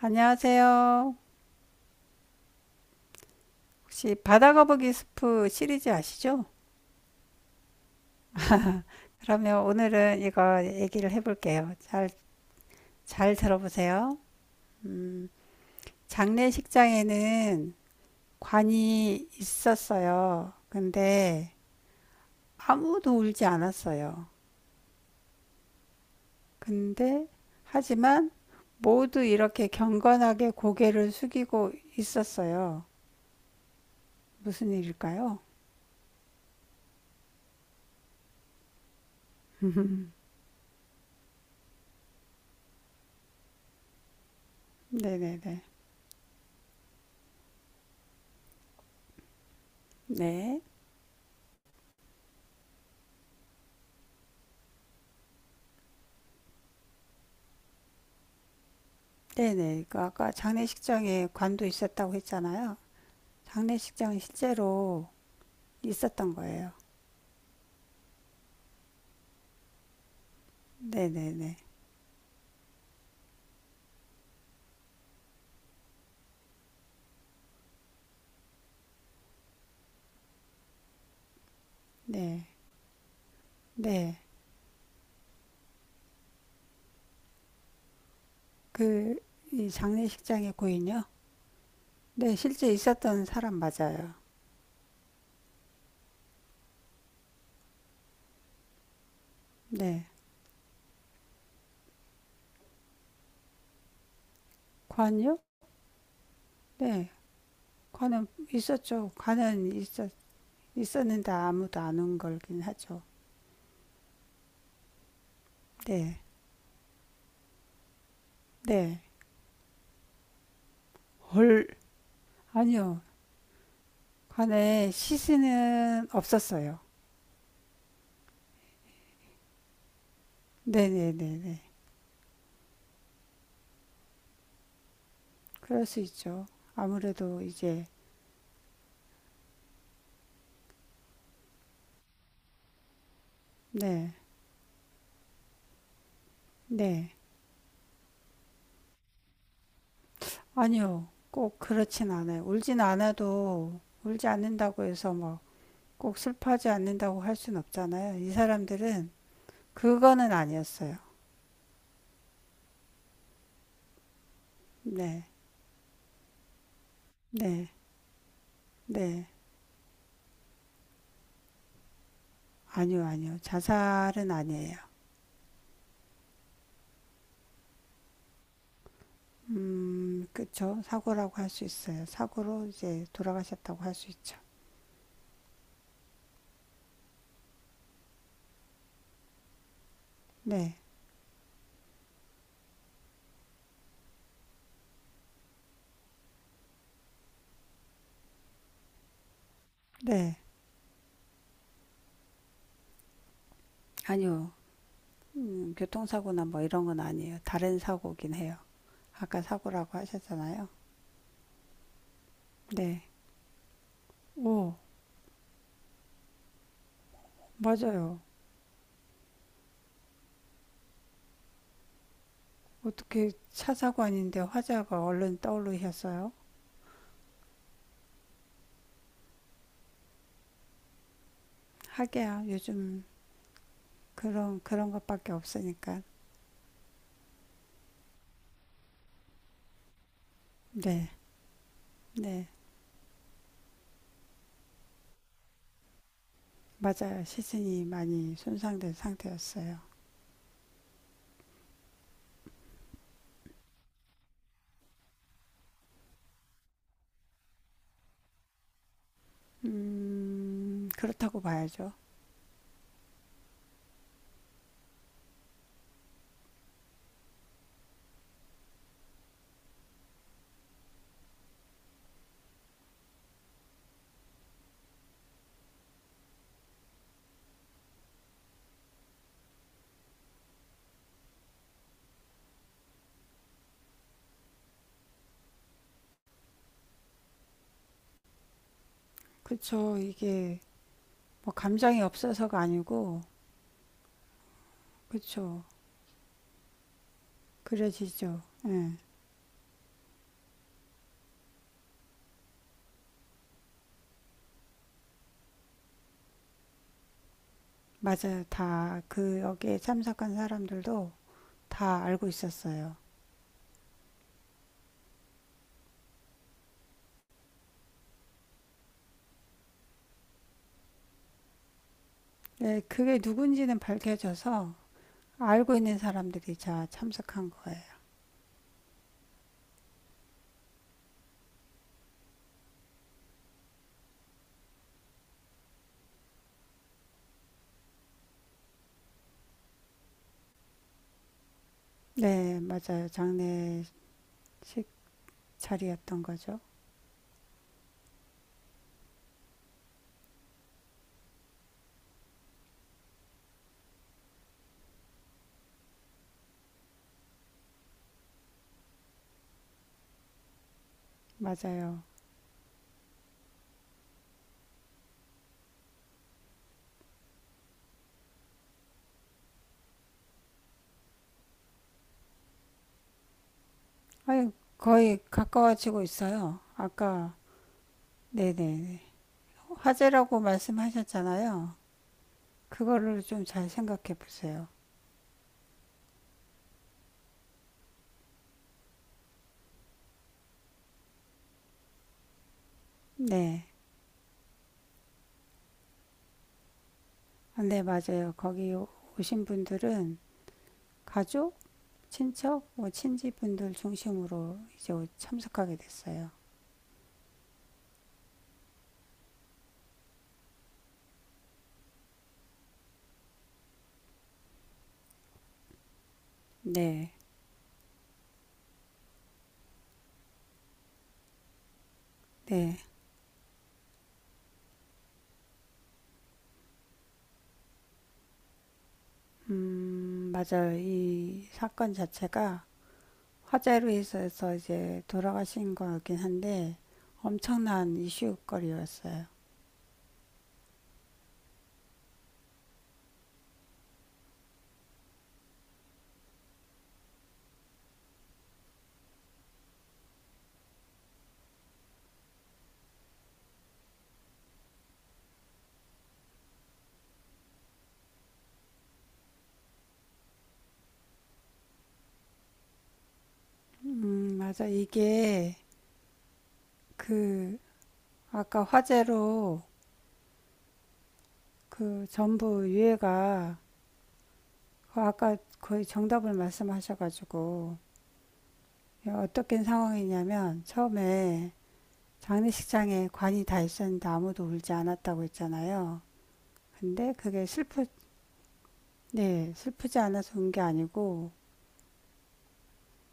안녕하세요. 혹시 바다거북이 스프 시리즈 아시죠? 그러면 오늘은 이거 얘기를 해볼게요. 잘 들어보세요. 음, 장례식장에는 관이 있었어요. 근데 아무도 울지 않았어요. 근데 하지만 모두 이렇게 경건하게 고개를 숙이고 있었어요. 무슨 일일까요? 네네네. 네. 네네. 그 아까 장례식장에 관도 있었다고 했잖아요. 장례식장은 실제로 있었던 거예요. 네네네. 네. 네. 그, 이 장례식장의 고인요? 네, 실제 있었던 사람 맞아요. 네. 관요? 네. 관은 있었죠. 있었는데 아무도 안 온 걸긴 하죠. 네. 네. 헐. 아니요. 관에 시신은 없었어요. 네네네네. 그럴 수 있죠. 아무래도 이제, 네, 네. 아니요, 꼭 그렇진 않아요. 울지 않는다고 해서 막 꼭 슬퍼하지 않는다고 할 순 없잖아요. 이 사람들은 그거는 아니었어요. 네, 네, 네. 아니요, 아니요. 자살은 아니에요. 그쵸. 사고라고 할 수 있어요. 사고로 이제 돌아가셨다고 할 수 있죠. 네, 네. 아니요. 교통사고나 뭐 이런 건 아니에요. 다른 사고긴 해요. 아까 사고라고 하셨잖아요. 네. 오, 맞아요. 어떻게 차 사고 아닌데 화재가 얼른 떠오르셨어요? 하게야, 요즘 그런 것밖에 없으니까. 네, 네. 맞아요. 시신이 많이 손상된 상태였어요. 그렇다고 봐야죠. 그쵸. 이게 뭐 감정이 없어서가 아니고, 그쵸. 그려지죠. 예. 맞아요. 다 그 여기에 참석한 사람들도 다 알고 있었어요. 네, 그게 누군지는 밝혀져서 알고 있는 사람들이 다 참석한 거예요. 네, 맞아요. 장례식 자리였던 거죠. 맞아요. 아니, 거의 가까워지고 있어요. 아까, 네네. 화제라고 말씀하셨잖아요. 그거를 좀 잘 생각해 보세요. 네. 아, 네, 맞아요. 오신 분들은 가족, 친척, 뭐 친지분들 중심으로 이제 참석하게 됐어요. 네, 네. 맞아요. 이 사건 자체가 화재로 인해서 이제 돌아가신 거긴 한데 엄청난 이슈거리였어요. 맞아. 이게 그 아까 화재로 그 전부 유해가 그 아까 거의 정답을 말씀하셔가지고 어떻게 상황이냐면 처음에 장례식장에 관이 다 있었는데 아무도 울지 않았다고 했잖아요. 근데 그게 슬프, 네, 슬프지 않아서 운 게 아니고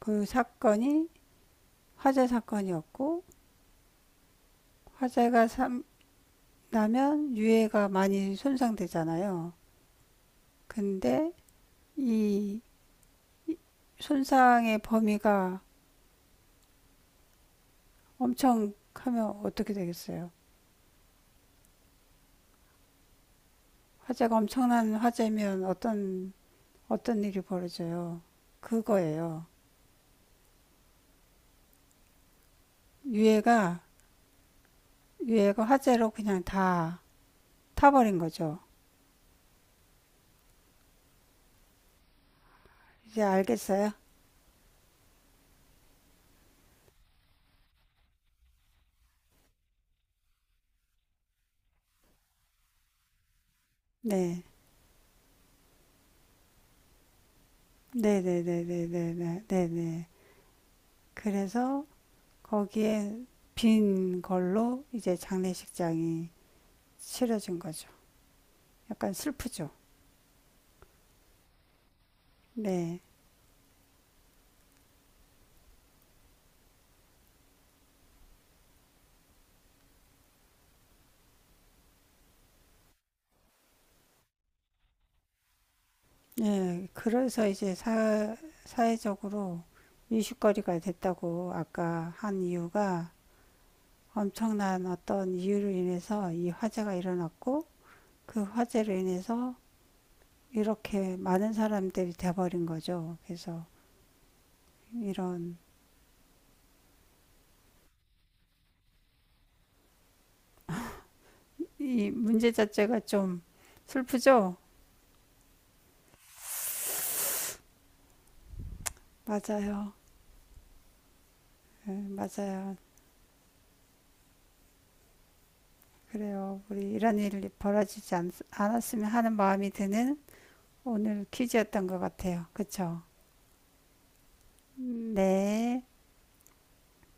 그 사건이 화재 사건이었고 화재가 삼- 나면 유해가 많이 손상되잖아요. 근데 이 손상의 범위가 엄청 하면 어떻게 되겠어요? 화재가 엄청난 화재면 어떤 일이 벌어져요? 그거예요. 유해가 유해가 화재로 그냥 다 타버린 거죠. 이제 알겠어요? 네. 네, 네, 네, 네, 네, 네, 네, 네. 그래서 거기에 빈 걸로 이제 장례식장이 치러진 거죠. 약간 슬프죠. 네. 네. 사회적으로 이슈거리가 됐다고 아까 한 이유가 엄청난 어떤 이유로 인해서 이 화재가 일어났고 그 화재로 인해서 이렇게 많은 사람들이 돼버린 거죠. 그래서 이런 이 문제 자체가 좀 슬프죠? 맞아요. 네, 맞아요. 그래요. 우리 이런 일이 않았으면 하는 마음이 드는 오늘 퀴즈였던 것 같아요. 그쵸? 음. 네.